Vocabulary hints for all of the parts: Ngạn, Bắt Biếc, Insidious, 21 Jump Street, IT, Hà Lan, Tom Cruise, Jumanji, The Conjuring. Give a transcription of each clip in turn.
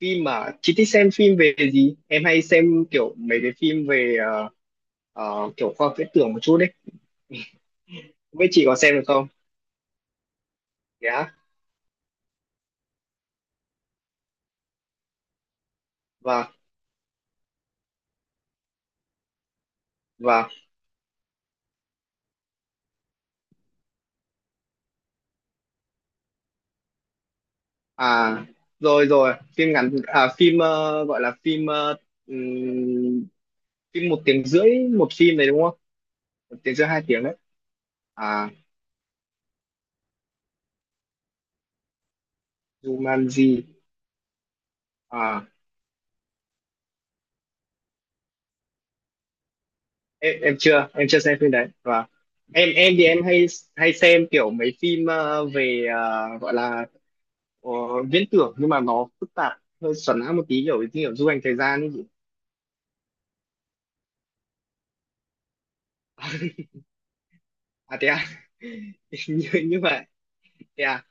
Phim mà chị thích xem phim về gì? Em hay xem kiểu mấy cái phim về kiểu khoa học viễn tưởng một chút đấy. Không biết chị có xem được không? Dạ. Và và à Rồi rồi, phim ngắn à phim gọi là phim ừm, phim một tiếng rưỡi một phim đấy đúng không? Một tiếng rưỡi hai tiếng đấy. À Jumanji. À em chưa xem phim đấy. Em thì em hay hay xem kiểu mấy phim về gọi là ờ, viễn tưởng nhưng mà nó phức tạp hơi xoắn não một tí kiểu như kiểu du hành thời gian ấy chị. À thế à. Như vậy. Thế à.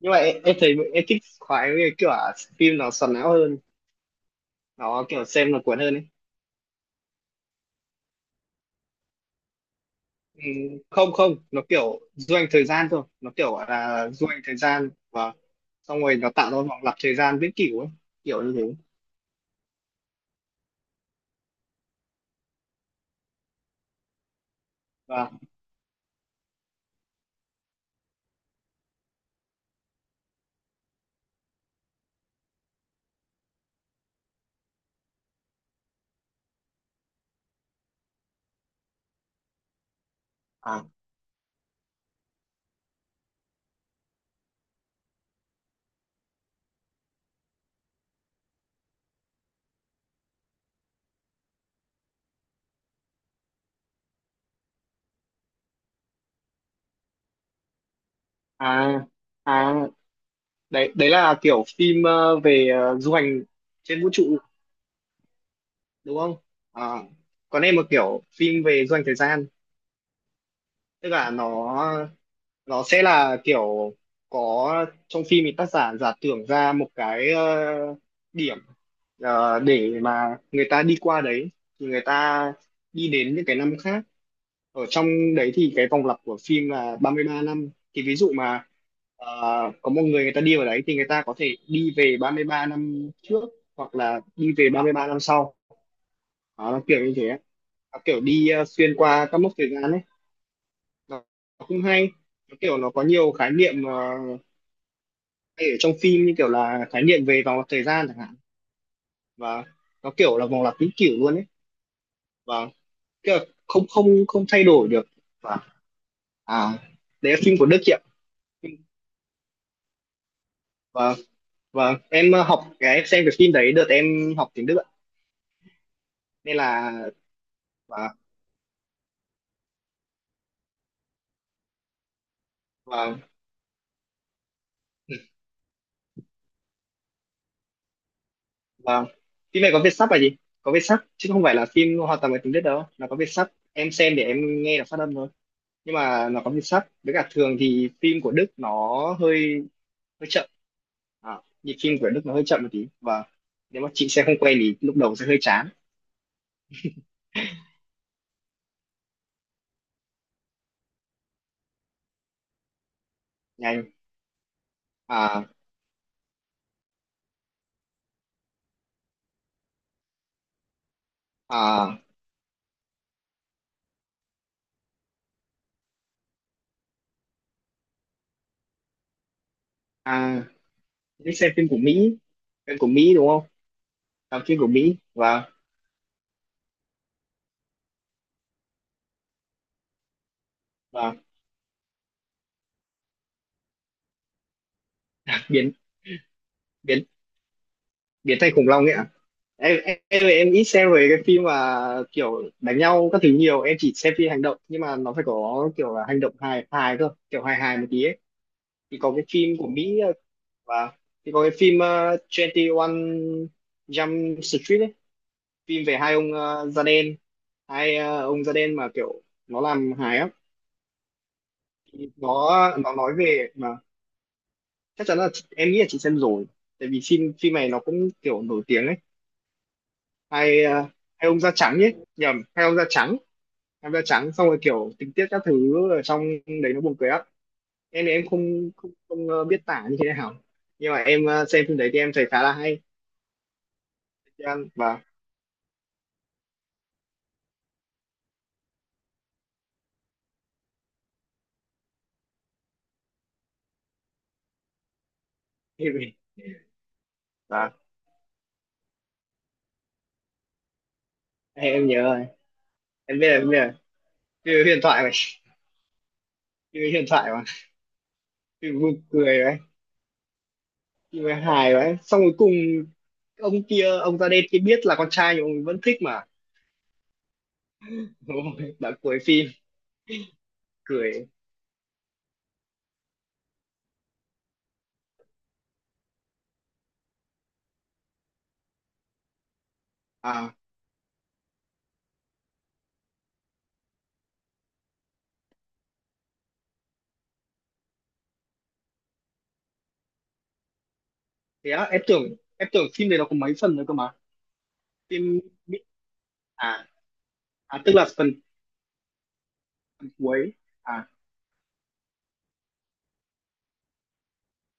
Nhưng mà em thấy em thích khoái với kiểu phim nó xoắn não hơn, nó kiểu xem nó cuốn hơn ấy. Ừ, không không, nó kiểu du hành thời gian thôi, nó kiểu gọi là du hành thời gian và xong rồi nó tạo ra vòng lặp thời gian viễn cửu ấy, kiểu như thế. Và à à à Đấy đấy là kiểu phim về du hành trên vũ trụ đúng không? À, còn em một kiểu phim về doanh thời gian, tức là nó sẽ là kiểu có trong phim thì tác giả giả tưởng ra một cái điểm, để mà người ta đi qua đấy thì người ta đi đến những cái năm khác ở trong. Đấy thì cái vòng lặp của phim là 33 năm, thì ví dụ mà ờ, có một người người ta đi vào đấy thì người ta có thể đi về 33 năm trước hoặc là đi về 33 năm sau. Đó, nó kiểu như thế, nó kiểu đi xuyên qua các mốc thời gian ấy. Nó, nó cũng hay, nó kiểu nó có nhiều khái niệm hay ở trong phim, như kiểu là khái niệm về vòng lặp thời gian chẳng hạn. và nó kiểu là vòng lặp vĩnh cửu luôn ấy, và kiểu là không không không thay đổi được. Và à Đấy là phim của Đức chị ạ. Và và Em học cái em xem cái phim đấy đợt em học tiếng Đức ạ. Nên là và và và phim này có Việt sắp là gì, có Việt sắp chứ không phải là phim hoàn toàn bằng tiếng Đức đâu, là có Việt sắp em xem để em nghe được phát âm thôi. Nhưng mà nó có nhịp sắt với cả thường thì phim của Đức nó hơi hơi chậm. à, Nhịp phim của Đức nó hơi chậm một tí và nếu mà chị xem không quen thì lúc đầu sẽ hơi chán. Nhanh. à à à Đi xem phim của Mỹ, phim của Mỹ đúng không? Làm phim của Mỹ. Và biến biến Biến thành khủng long ấy ạ. Em ít xem về cái phim mà kiểu đánh nhau các thứ nhiều, em chỉ xem phim hành động nhưng mà nó phải có kiểu là hành động hài hài cơ kiểu hài hài một tí ấy. Thì có cái phim của Mỹ và thì có cái phim 21 Jump Street ấy, phim về hai ông da đen, hai ông da đen mà kiểu nó làm hài á. Thì nó nói về mà chắc chắn là chị, em nghĩ là chị xem rồi, tại vì phim phim này nó cũng kiểu nổi tiếng ấy, hai hai ông da trắng ấy, nhầm, hai ông da trắng, hai ông da trắng xong rồi kiểu tình tiết các thứ ở trong đấy nó buồn cười á. Em thì em không không, không biết tả như thế nào, nhưng mà em xem phim đấy thì em thấy khá là hay. Và và em nhớ, em biết là phim huyền thoại mà, phim huyền thoại mà, phim vui cười đấy, phim hài đấy, xong cuối cùng ông kia ông da đen kia biết là con trai nhưng ông ấy vẫn thích mà. Ôi, đoạn cuối phim cười. À thế á? Em tưởng phim này nó có mấy phần nữa cơ mà. Phim bị- à, à tức là phần cuối. À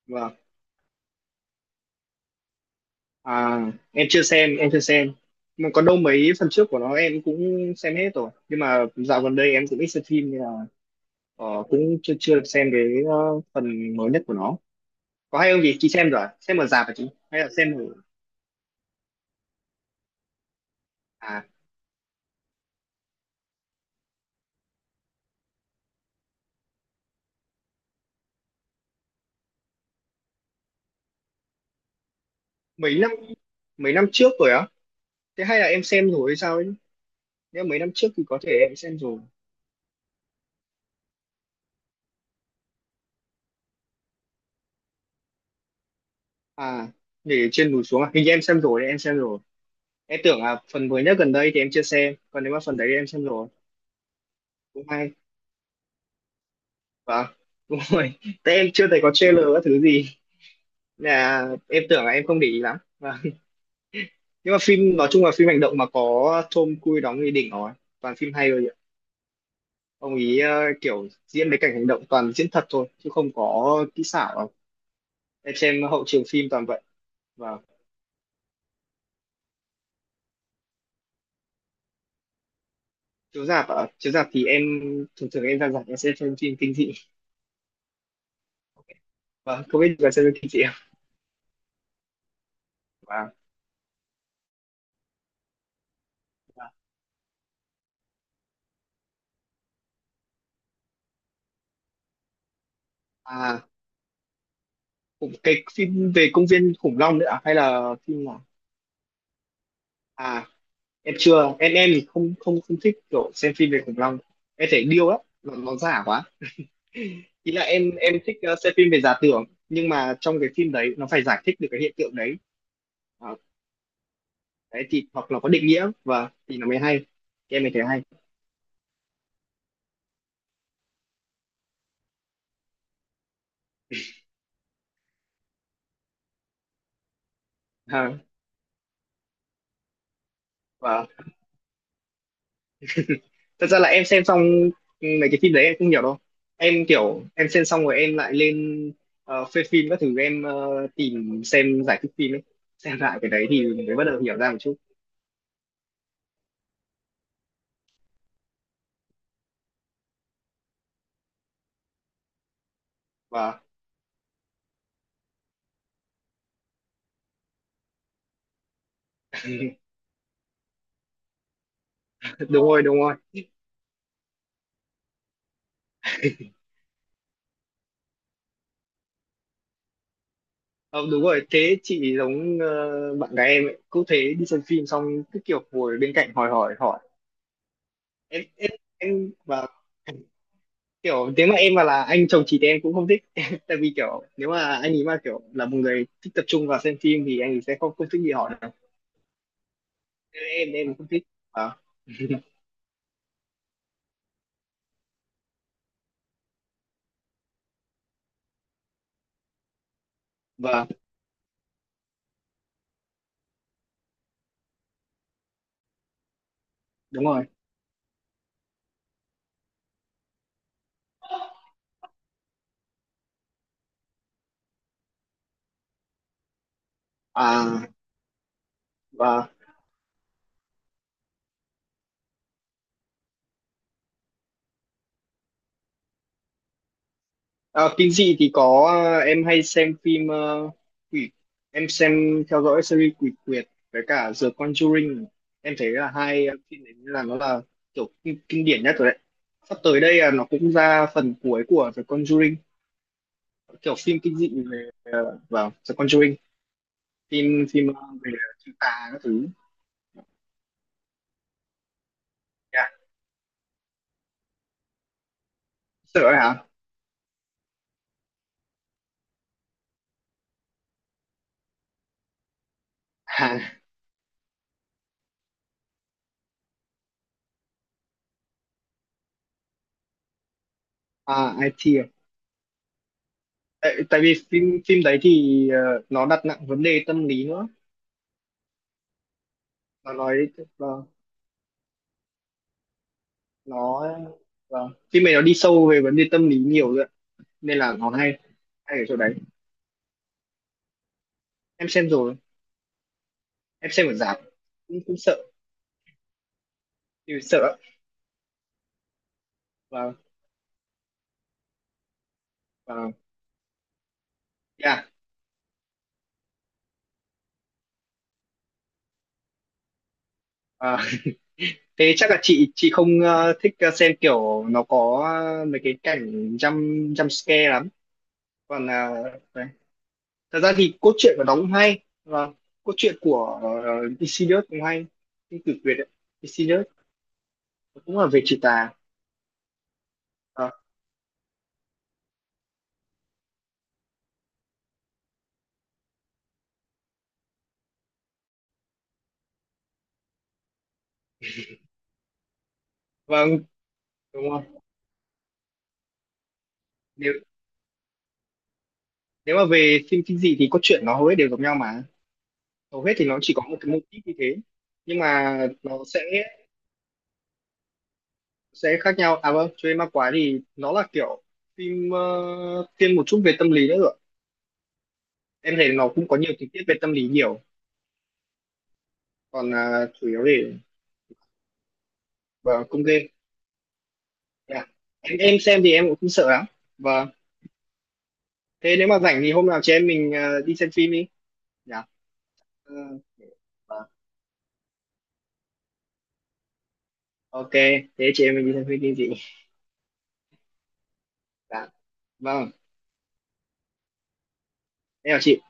vâng. À em chưa xem, em chưa xem, mà có đâu mấy phần trước của nó em cũng xem hết rồi, nhưng mà dạo gần đây em cũng ít xem phim nên là cũng chưa chưa được xem cái ờ, phần mới nhất của nó. Có hay không Chị xem rồi à? Xem ở rạp hả chị hay là xem ở à? Mấy năm mấy năm trước rồi á? Thế hay là em xem rồi hay sao ấy? Nếu mấy năm trước thì có thể em xem rồi. À để trên núi xuống à? Hình như em xem rồi đấy, em xem rồi. Em tưởng là phần mới nhất gần đây thì em chưa xem, còn nếu mà phần đấy thì em xem rồi. Cũng hay. Vâng. Đúng rồi, tại em chưa thấy có trailer các thứ gì. Nên là em tưởng là em không để ý lắm. Vâng, nhưng mà phim nói chung là phim hành động mà có Tom Cruise đóng thì đỉnh rồi, toàn phim hay rồi. Ông ý kiểu diễn mấy cảnh hành động toàn diễn thật thôi chứ không có kỹ xảo đâu. Em xem hậu trường phim toàn vậy. và Chiếu rạp ạ? Chiếu rạp thì em thường thường em ra rạp em sẽ xem phim kinh dị không biết là xem phim kinh dị không? Và à Cũng cái phim về công viên khủng long nữa à, hay là phim nào? À em chưa, em thì không không không thích kiểu xem phim về khủng long, em thấy điêu lắm, nó giả quá. Ý là em thích xem phim về giả tưởng nhưng mà trong cái phim đấy nó phải giải thích được cái hiện tượng đấy. Ờ, Đấy thì hoặc là có định nghĩa thì nó mới hay, thì em mới thấy hay. Ha và Thật ra là em xem xong mấy cái phim đấy em không hiểu đâu, em kiểu em xem xong rồi em lại lên phê phim các thứ, em tìm xem giải thích phim ấy, xem lại cái đấy thì mới bắt đầu hiểu ra một chút. và Đúng rồi, đúng rồi. Ờ, đúng rồi, thế chị giống bạn gái em ấy, cũng thế, đi xem phim xong cứ kiểu ngồi bên cạnh hỏi hỏi hỏi. Em em em và Kiểu nếu mà em mà là anh chồng chị thì em cũng không thích. Tại vì kiểu nếu mà anh ấy mà kiểu là một người thích tập trung vào xem phim thì anh ấy sẽ không không thích gì hỏi đâu. Nên em không thích. À. Vâng đúng rồi. à và Phim gì thì có, à, em hay xem phim quỷ, em xem theo dõi series quỷ quyệt với cả The Conjuring. Em thấy là hai phim đấy là nó là kiểu kinh điển nhất rồi đấy. Sắp tới đây là nó cũng ra phần cuối của The Conjuring, kiểu phim kinh dị về vào The Conjuring, phim phim về chữ tà các thứ. Dạ. Sợ ấy hả? À, à IT à? Tại, tại vì phim phim đấy thì nó đặt nặng vấn đề tâm lý nữa. Nó nói, vâng, nó vâng. Phim này nó đi sâu về vấn đề tâm lý nhiều rồi ạ. Nên là nó hay, hay ở chỗ đấy. Em xem rồi, em xem ở rạp, cũng cũng sợ thì sợ. Và và Thế chắc là chị không thích xem kiểu nó có mấy cái cảnh jump jump scare lắm. Còn đấy. Thật ra thì cốt truyện của nó cũng hay và cốt truyện của Insidious cũng hay. Cái cực Việt ấy. Insidious cũng là về trừ tà. Ờ, vâng, đúng rồi. Nếu Nếu mà về phim kinh dị thì cốt truyện nó hầu hết đều giống nhau mà. Hầu hết thì nó chỉ có một cái mô típ như thế. Nhưng mà nó sẽ khác nhau. À vâng, cho Chuê Ma Quái thì nó là kiểu phim thiên một chút về tâm lý nữa rồi. Em thấy nó cũng có nhiều tình tiết về tâm lý nhiều. Còn à, chủ yếu để vào công game. Dạ. Em xem thì em cũng không sợ lắm. và Thế nếu mà rảnh thì hôm nào chị em mình đi xem phim đi. Dạ. Ừ. Vâng. Ok. Thế chị em mình đi xem phim đi chị. Dạ. Vâng. Em chào chị.